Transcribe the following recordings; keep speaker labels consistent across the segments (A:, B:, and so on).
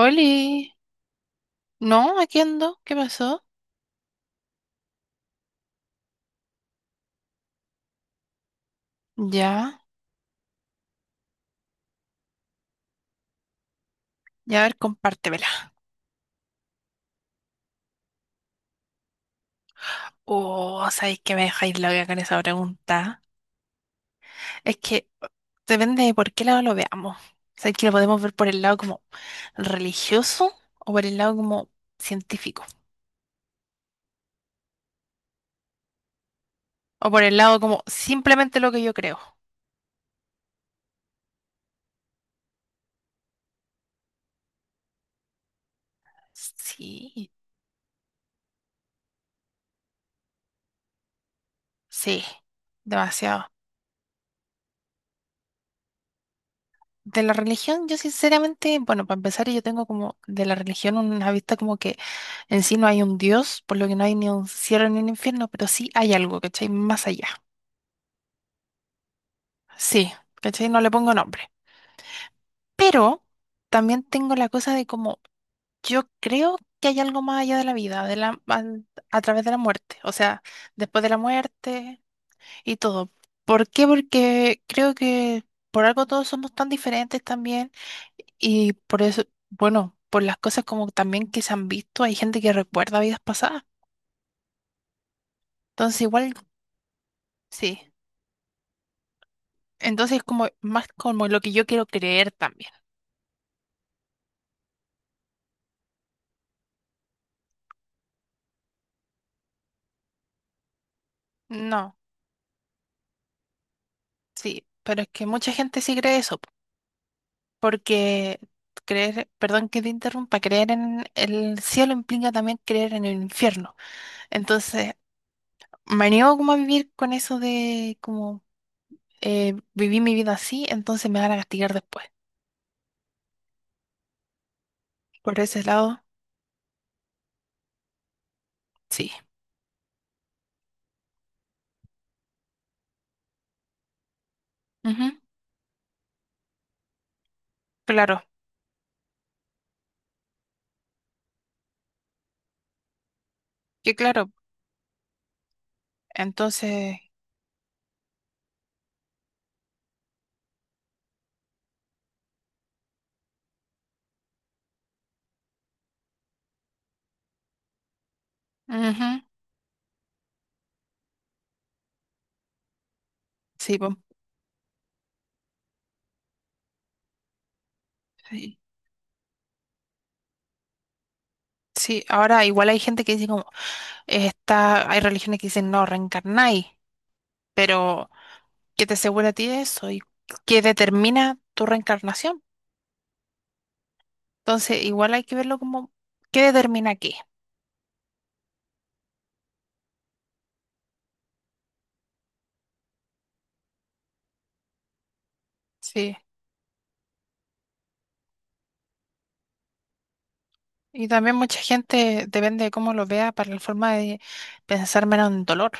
A: Oli, no, aquí ando, ¿qué pasó? Ya, ya a ver, compártemela. Oh, sabéis que me dejáis loca con esa pregunta. Es que depende de por qué lado lo veamos. Sabéis que lo podemos ver por el lado como religioso, o por el lado como científico, o por el lado como simplemente lo que yo creo. Sí, sí, demasiado. De la religión, yo sinceramente, bueno, para empezar, yo tengo como de la religión una vista como que en sí no hay un Dios, por lo que no hay ni un cielo ni un infierno, pero sí hay algo, ¿cachai? Más allá. Sí, ¿cachai? No le pongo nombre. Pero también tengo la cosa de como yo creo que hay algo más allá de la vida, a través de la muerte. O sea, después de la muerte y todo. ¿Por qué? Porque creo que por algo todos somos tan diferentes también, y por eso, bueno, por las cosas como también que se han visto, hay gente que recuerda vidas pasadas. Entonces igual, sí. Entonces como más como lo que yo quiero creer también. No, sí, pero es que mucha gente sí cree eso, po, porque creer, perdón que te interrumpa, creer en el cielo implica también creer en el infierno. Entonces, me niego como a vivir con eso de como viví mi vida así, entonces me van a castigar después. Por ese lado, sí. Ujú. Claro, que claro. Entonces, ujú, sí, po, sí, sí. Ahora igual hay gente que dice como, hay religiones que dicen no, reencarnáis, pero ¿qué te asegura a ti de eso? ¿Y qué determina tu reencarnación? Entonces, igual hay que verlo como, ¿qué determina qué? Sí. Y también mucha gente, depende de cómo lo vea, para la forma de pensar menos en dolor.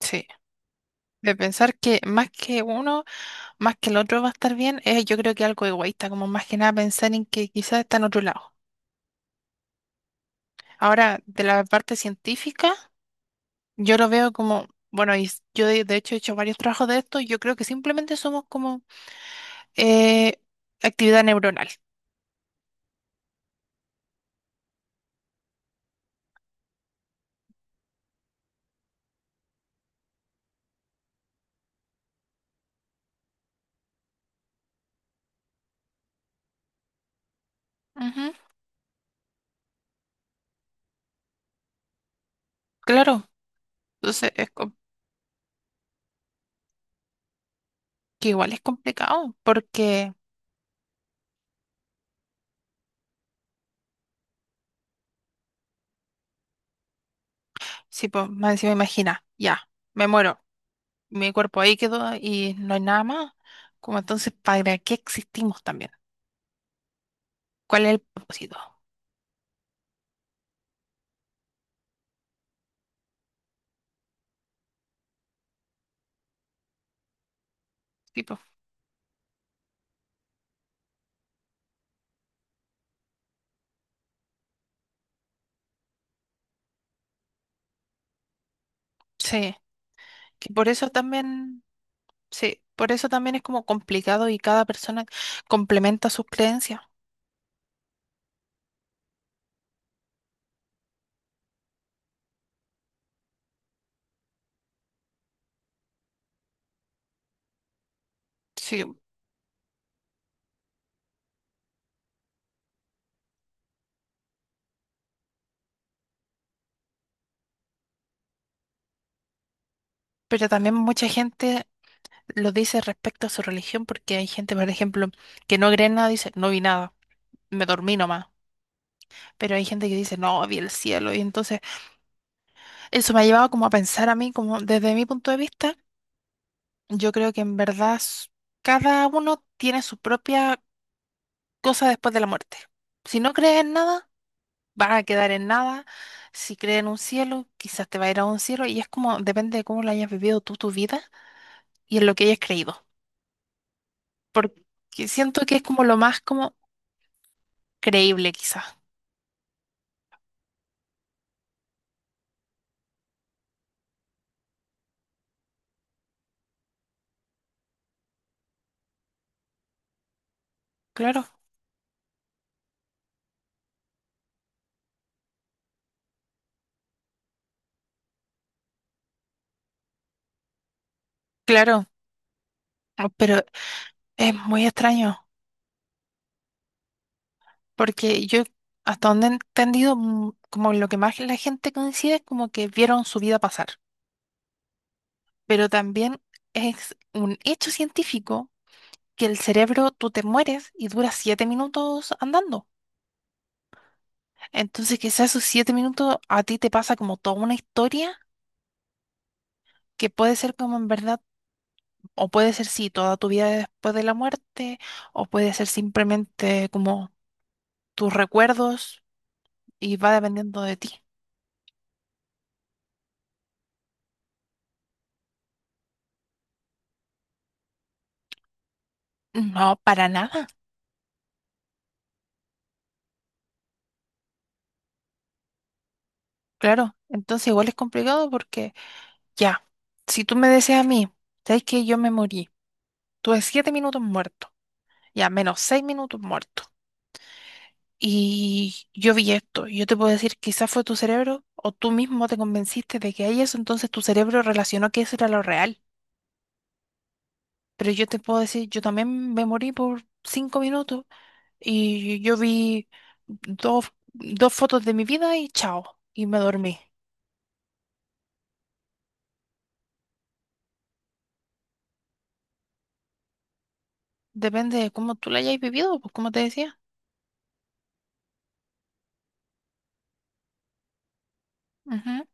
A: Sí. De pensar que más que uno, más que el otro va a estar bien, yo creo que algo egoísta, como más que nada pensar en que quizás está en otro lado. Ahora, de la parte científica, yo lo veo como, bueno, yo de hecho he hecho varios trabajos de esto, y yo creo que simplemente somos como eh, actividad neuronal. Ujú. Claro, entonces es com- que igual es complicado, porque si pues, más encima imagina, ya, me muero, mi cuerpo ahí quedó y no hay nada más, como entonces, ¿para qué existimos también? ¿Cuál es el propósito? Tipo, sí, que por eso también, sí, por eso también es como complicado y cada persona complementa sus creencias. Sí, pero también mucha gente lo dice respecto a su religión porque hay gente, por ejemplo, que no cree en nada, dice, no vi nada, me dormí nomás. Pero hay gente que dice, no, vi el cielo. Y entonces eso me ha llevado como a pensar a mí, como desde mi punto de vista, yo creo que en verdad cada uno tiene su propia cosa después de la muerte. Si no crees en nada, vas a quedar en nada. Si crees en un cielo, quizás te va a ir a un cielo. Y es como, depende de cómo lo hayas vivido tú tu vida y en lo que hayas creído. Porque siento que es como lo más como creíble, quizás. Claro, claro. No, pero es muy extraño. Porque yo, hasta donde he entendido, como lo que más la gente coincide es como que vieron su vida pasar. Pero también es un hecho científico que el cerebro, tú te mueres y dura 7 minutos andando. Entonces, quizás esos 7 minutos a ti te pasa como toda una historia que puede ser como en verdad, o puede ser sí, toda tu vida después de la muerte, o puede ser simplemente como tus recuerdos y va dependiendo de ti. No, para nada, claro. Entonces, igual es complicado porque ya, si tú me decías a mí, ¿sabes que yo me morí? Tuve 7 minutos muerto, ya menos 6 minutos muerto. Y yo vi esto, y yo te puedo decir, quizás fue tu cerebro o tú mismo te convenciste de que hay eso, entonces tu cerebro relacionó que eso era lo real. Pero yo te puedo decir, yo también me morí por 5 minutos y yo vi dos fotos de mi vida y chao, y me dormí. Depende de cómo tú la hayas vivido, pues como te decía. Ujú.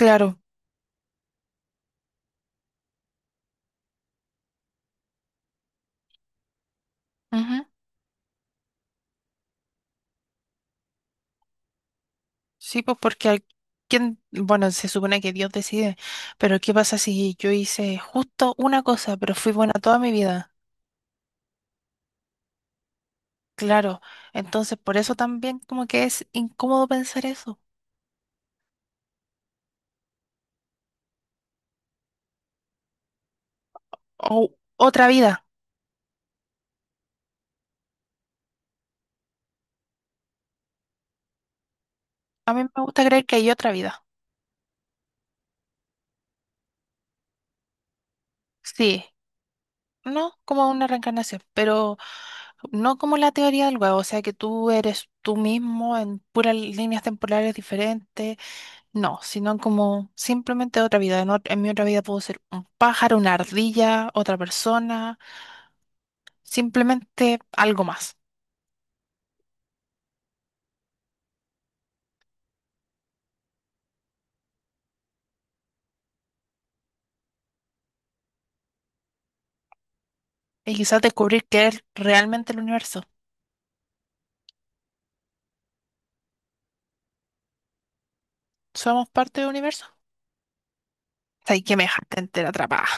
A: Claro, ujú. Sí, pues porque ¿quién? Bueno, se supone que Dios decide, pero ¿qué pasa si yo hice justo una cosa, pero fui buena toda mi vida? Claro, entonces por eso también como que es incómodo pensar eso. O otra vida. A mí me gusta creer que hay otra vida. Sí, no como una reencarnación, pero no como la teoría del huevo, o sea que tú eres tú mismo en puras líneas temporales diferentes, no, sino como simplemente otra vida. En mi otra vida puedo ser un pájaro, una ardilla, otra persona, simplemente algo más. Y quizás descubrir que es realmente el universo. ¿Somos parte del universo? Ay, que me dejaste entera atrapada.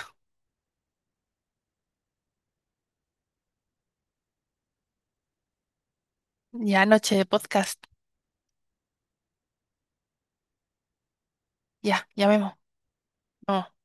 A: Ya, noche de podcast. Ya, llamemos. Vamos.